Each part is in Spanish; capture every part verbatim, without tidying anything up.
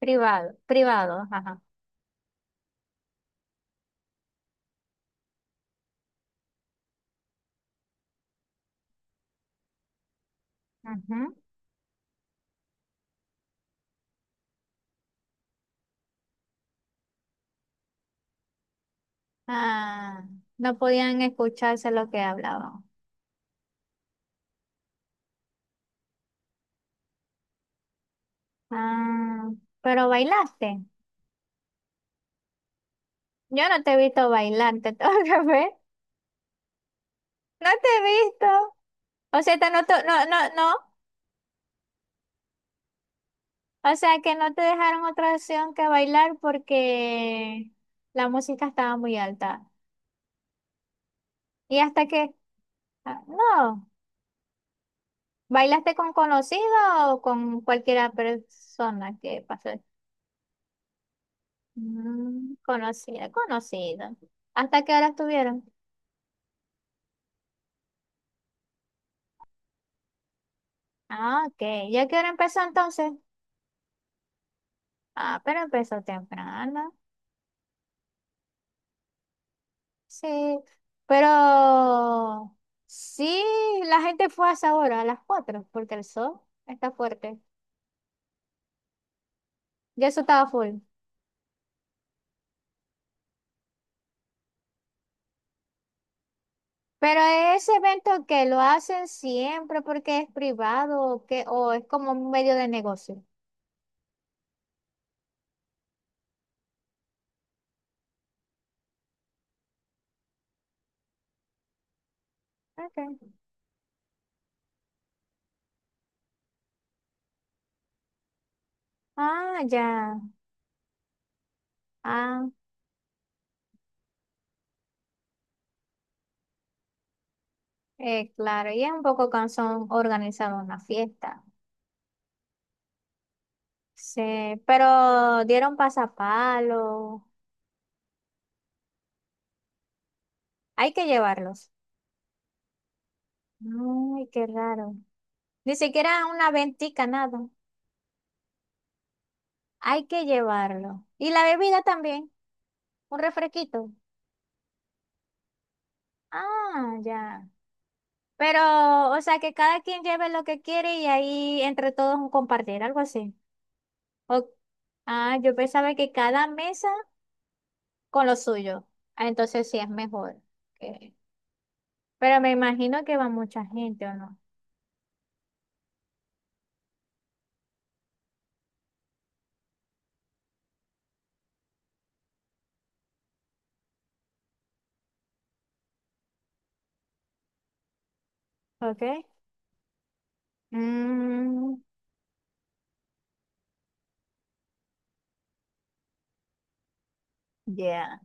Privado, privado, ajá. Ujú. Ah, no podían escucharse lo que hablaban. Ah, pero bailaste. Yo no te he visto bailar, te tengo que ver. No te he visto. O sea, te no, to- no, no, no. O sea, que no te dejaron otra opción que bailar porque la música estaba muy alta. Y hasta que, ah, no, bailaste con conocido o con cualquier persona que pasó. Mm, conocida, conocida. ¿Hasta qué hora estuvieron? Ah, ok. ¿Ya qué hora empezó entonces? Ah, pero empezó temprano. Sí. Pero sí, la gente fue a esa hora, a las cuatro porque el sol está fuerte. Ya eso estaba full. Pero ese evento que lo hacen siempre porque es privado o, que, o es como un medio de negocio. Ok. Ah, ya. Ah, eh, claro. Y es un poco cansón organizar una fiesta. Sí, pero dieron pasapalo. Hay que llevarlos. Ay, qué raro. Ni siquiera una ventica, nada. Hay que llevarlo. Y la bebida también, un refresquito. Ah, ya. Pero, o sea, que cada quien lleve lo que quiere y ahí entre todos un compartir, algo así. O- ah, yo pensaba que cada mesa con lo suyo. Ah, entonces sí es mejor. Ok. Pero me imagino que va mucha gente, ¿o no? Ok. Mm, ya,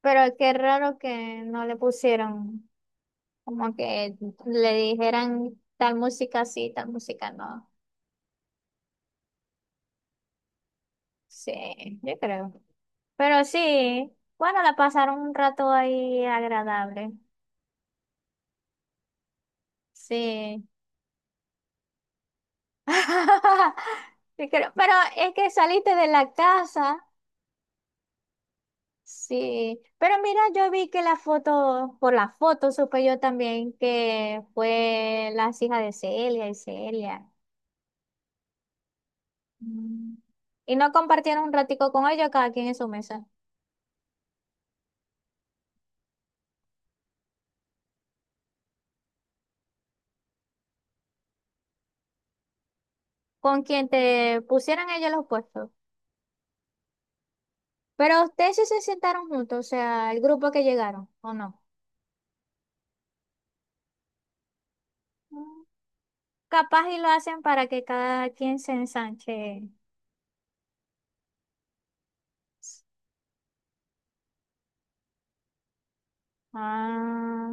pero qué raro que no le pusieron, como que le dijeran tal música sí, tal música no. Sí, yo creo. Pero sí, bueno, la pasaron un rato ahí agradable. Sí. Sí creo, pero es que saliste de la casa. Sí. Pero mira, yo vi que la foto, por la foto supe yo también que fue las hijas de Celia y Celia. Mm. Y no compartieron un ratico con ellos, cada quien en su mesa, con quien te pusieran ellos los puestos. Pero ustedes sí se sentaron juntos, o sea, el grupo que llegaron, ¿o no? Mm. Capaz y lo hacen para que cada quien se ensanche. Ah,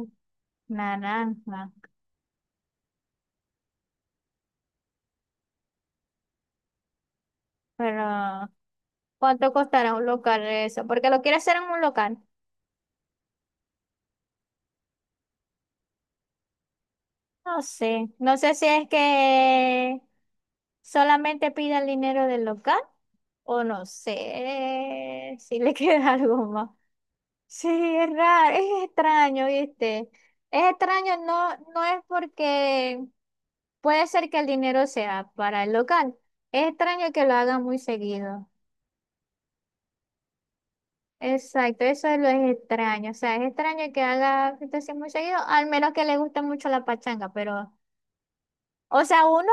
naranja. Pero, ¿cuánto costará un local eso? Porque lo quiere hacer en un local. No sé, no sé si es que solamente pide el dinero del local o no sé si le queda algo más. Sí, es raro, es extraño, ¿viste? Es extraño, no, no es porque puede ser que el dinero sea para el local. Es extraño que lo haga muy seguido. Exacto, eso es lo es extraño. O sea, es extraño que haga fiestas así muy seguido, al menos que le guste mucho la pachanga, pero o sea, uno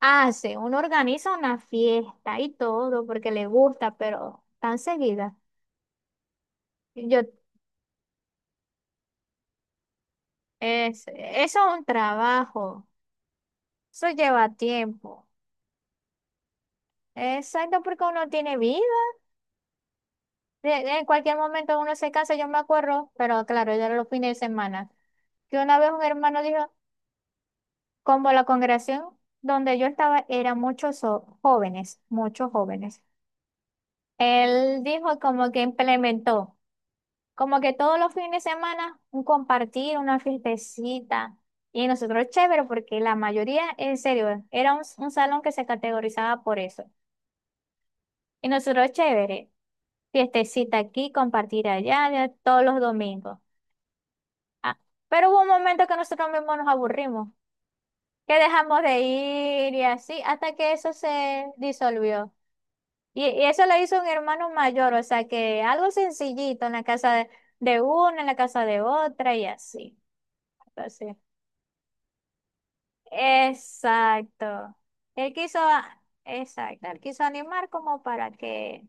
hace, uno organiza una fiesta y todo porque le gusta, pero tan seguida. Yo, es, eso es un trabajo, eso lleva tiempo. Exacto, porque uno tiene vida. De- de- En cualquier momento uno se casa, yo me acuerdo, pero claro, ya era los fines de semana. Que una vez un hermano dijo, como la congregación donde yo estaba era muchos jo- jóvenes, muchos jóvenes. Él dijo como que implementó. Como que todos los fines de semana un compartir, una fiestecita. Y nosotros chévere porque la mayoría, en serio, era un, un salón que se categorizaba por eso. Y nosotros chévere, fiestecita aquí, compartir allá, ya todos los domingos. Ah, pero hubo un momento que nosotros mismos nos aburrimos, que dejamos de ir y así, hasta que eso se disolvió. Y, y eso lo hizo un hermano mayor, o sea que algo sencillito en la casa de, de una, en la casa de otra y así. Entonces. Exacto. Él quiso, a- exacto, él quiso animar como para que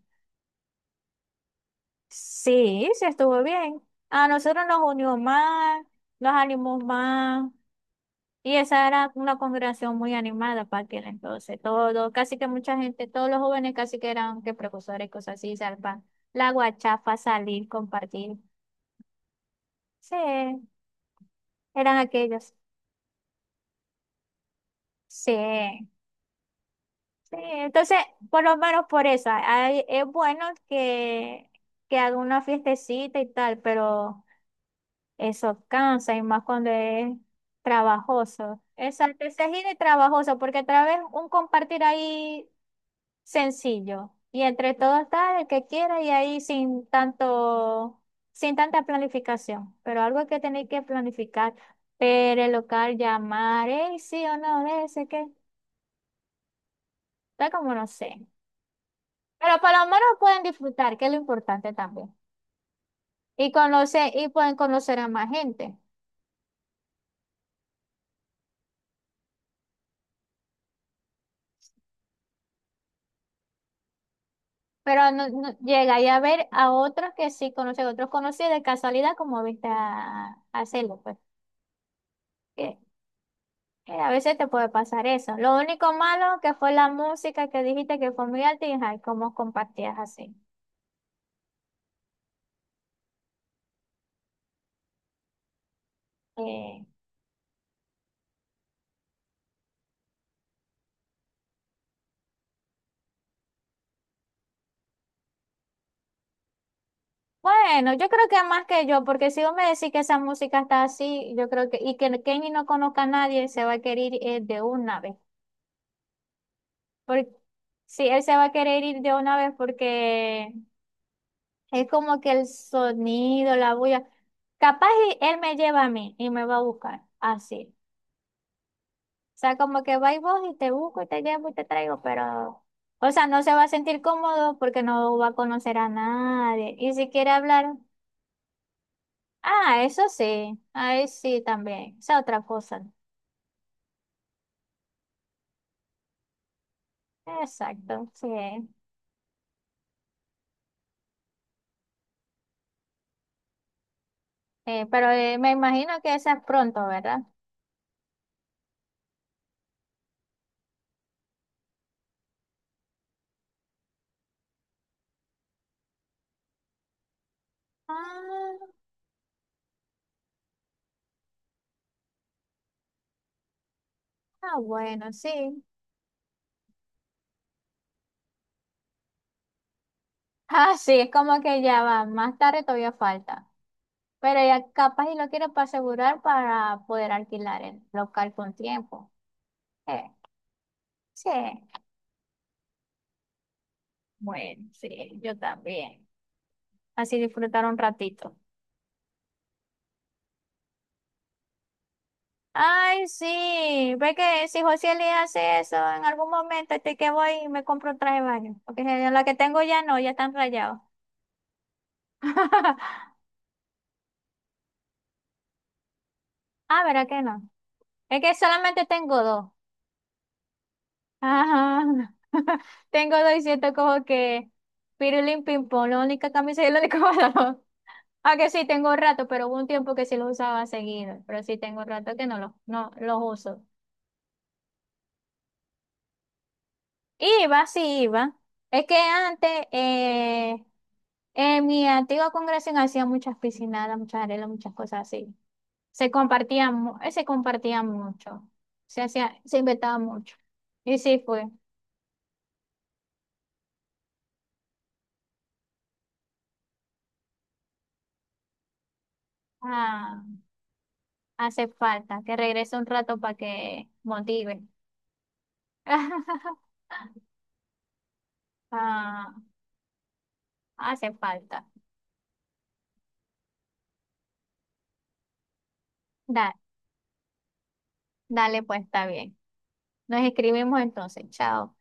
sí, se estuvo bien. A nosotros nos unió más, nos animó más. Y esa era una congregación muy animada para aquel entonces. Todo, casi que mucha gente, todos los jóvenes casi que eran que precursores, cosas así, salpa, la guachafa, salir, compartir. Sí, eran aquellos. Sí. Sí, entonces, por lo menos por eso, hay- es bueno que, que haga una fiestecita y tal, pero eso cansa y más cuando es trabajoso. Exacto, ese giro es trabajoso, porque otra vez un compartir ahí sencillo y entre todos está el que quiera y ahí sin tanto, sin tanta planificación, pero algo que tenéis que planificar, pero el local, llamar, eh, sí o no, ese que, está como no sé. Pero por lo menos pueden disfrutar, que es lo importante también. Y conocer, y pueden conocer a más gente. Pero no, no- llegáis a ver a otros que sí conocen, otros conocidos de casualidad, como viste a, a Celo, pues. Que, que a veces te puede pasar eso. Lo único malo que fue la música que dijiste que fue muy alta y ay, cómo compartías así. Eh, bueno, yo creo que más que yo, porque si vos me decís que esa música está así, yo creo que, y que Kenny no conozca a nadie, se va a querer ir eh, de una vez. Porque sí, él se va a querer ir de una vez porque es como que el sonido, la bulla. Capaz y él me lleva a mí y me va a buscar, así. O sea, como que va y vos y te busco y te llevo y te traigo, pero, o sea, no se va a sentir cómodo porque no va a conocer a nadie. Y si quiere hablar, ah, eso sí, ahí sí también, esa otra cosa. Exacto, sí. Eh, pero eh, me imagino que esa es pronto, ¿verdad? Ah, ah, bueno, sí. Ah, sí, es como que ya va, más tarde todavía falta. Pero ya capaz y lo quiero para asegurar para poder alquilar el local con tiempo. Eh, sí, bueno, sí, yo también. Así disfrutar un ratito. Ay, sí, ve que si José le hace eso en algún momento, estoy que voy y me compro un traje de baño. Porque la que tengo ya no, ya están rayados. Ah, ¿verdad que no? Es que solamente tengo dos. Ajá. Tengo dos y siento como que pirulín ping-pong, la única camisa y el único pantalón. Aunque sí tengo un rato, pero hubo un tiempo que sí lo usaba seguido. Pero sí tengo un rato que no los no los uso. Iba, sí iba. Es que antes, eh, en mi antigua congregación hacía muchas piscinadas, muchas arenas, muchas cosas así. Se compartía, mu- eh, se compartía mucho. Se hacía, se inventaba mucho. Y sí fue. Ah. Hace falta que regrese un rato para que motive. Ah, hace falta. Da, dale, pues está bien. Nos escribimos entonces. Chao.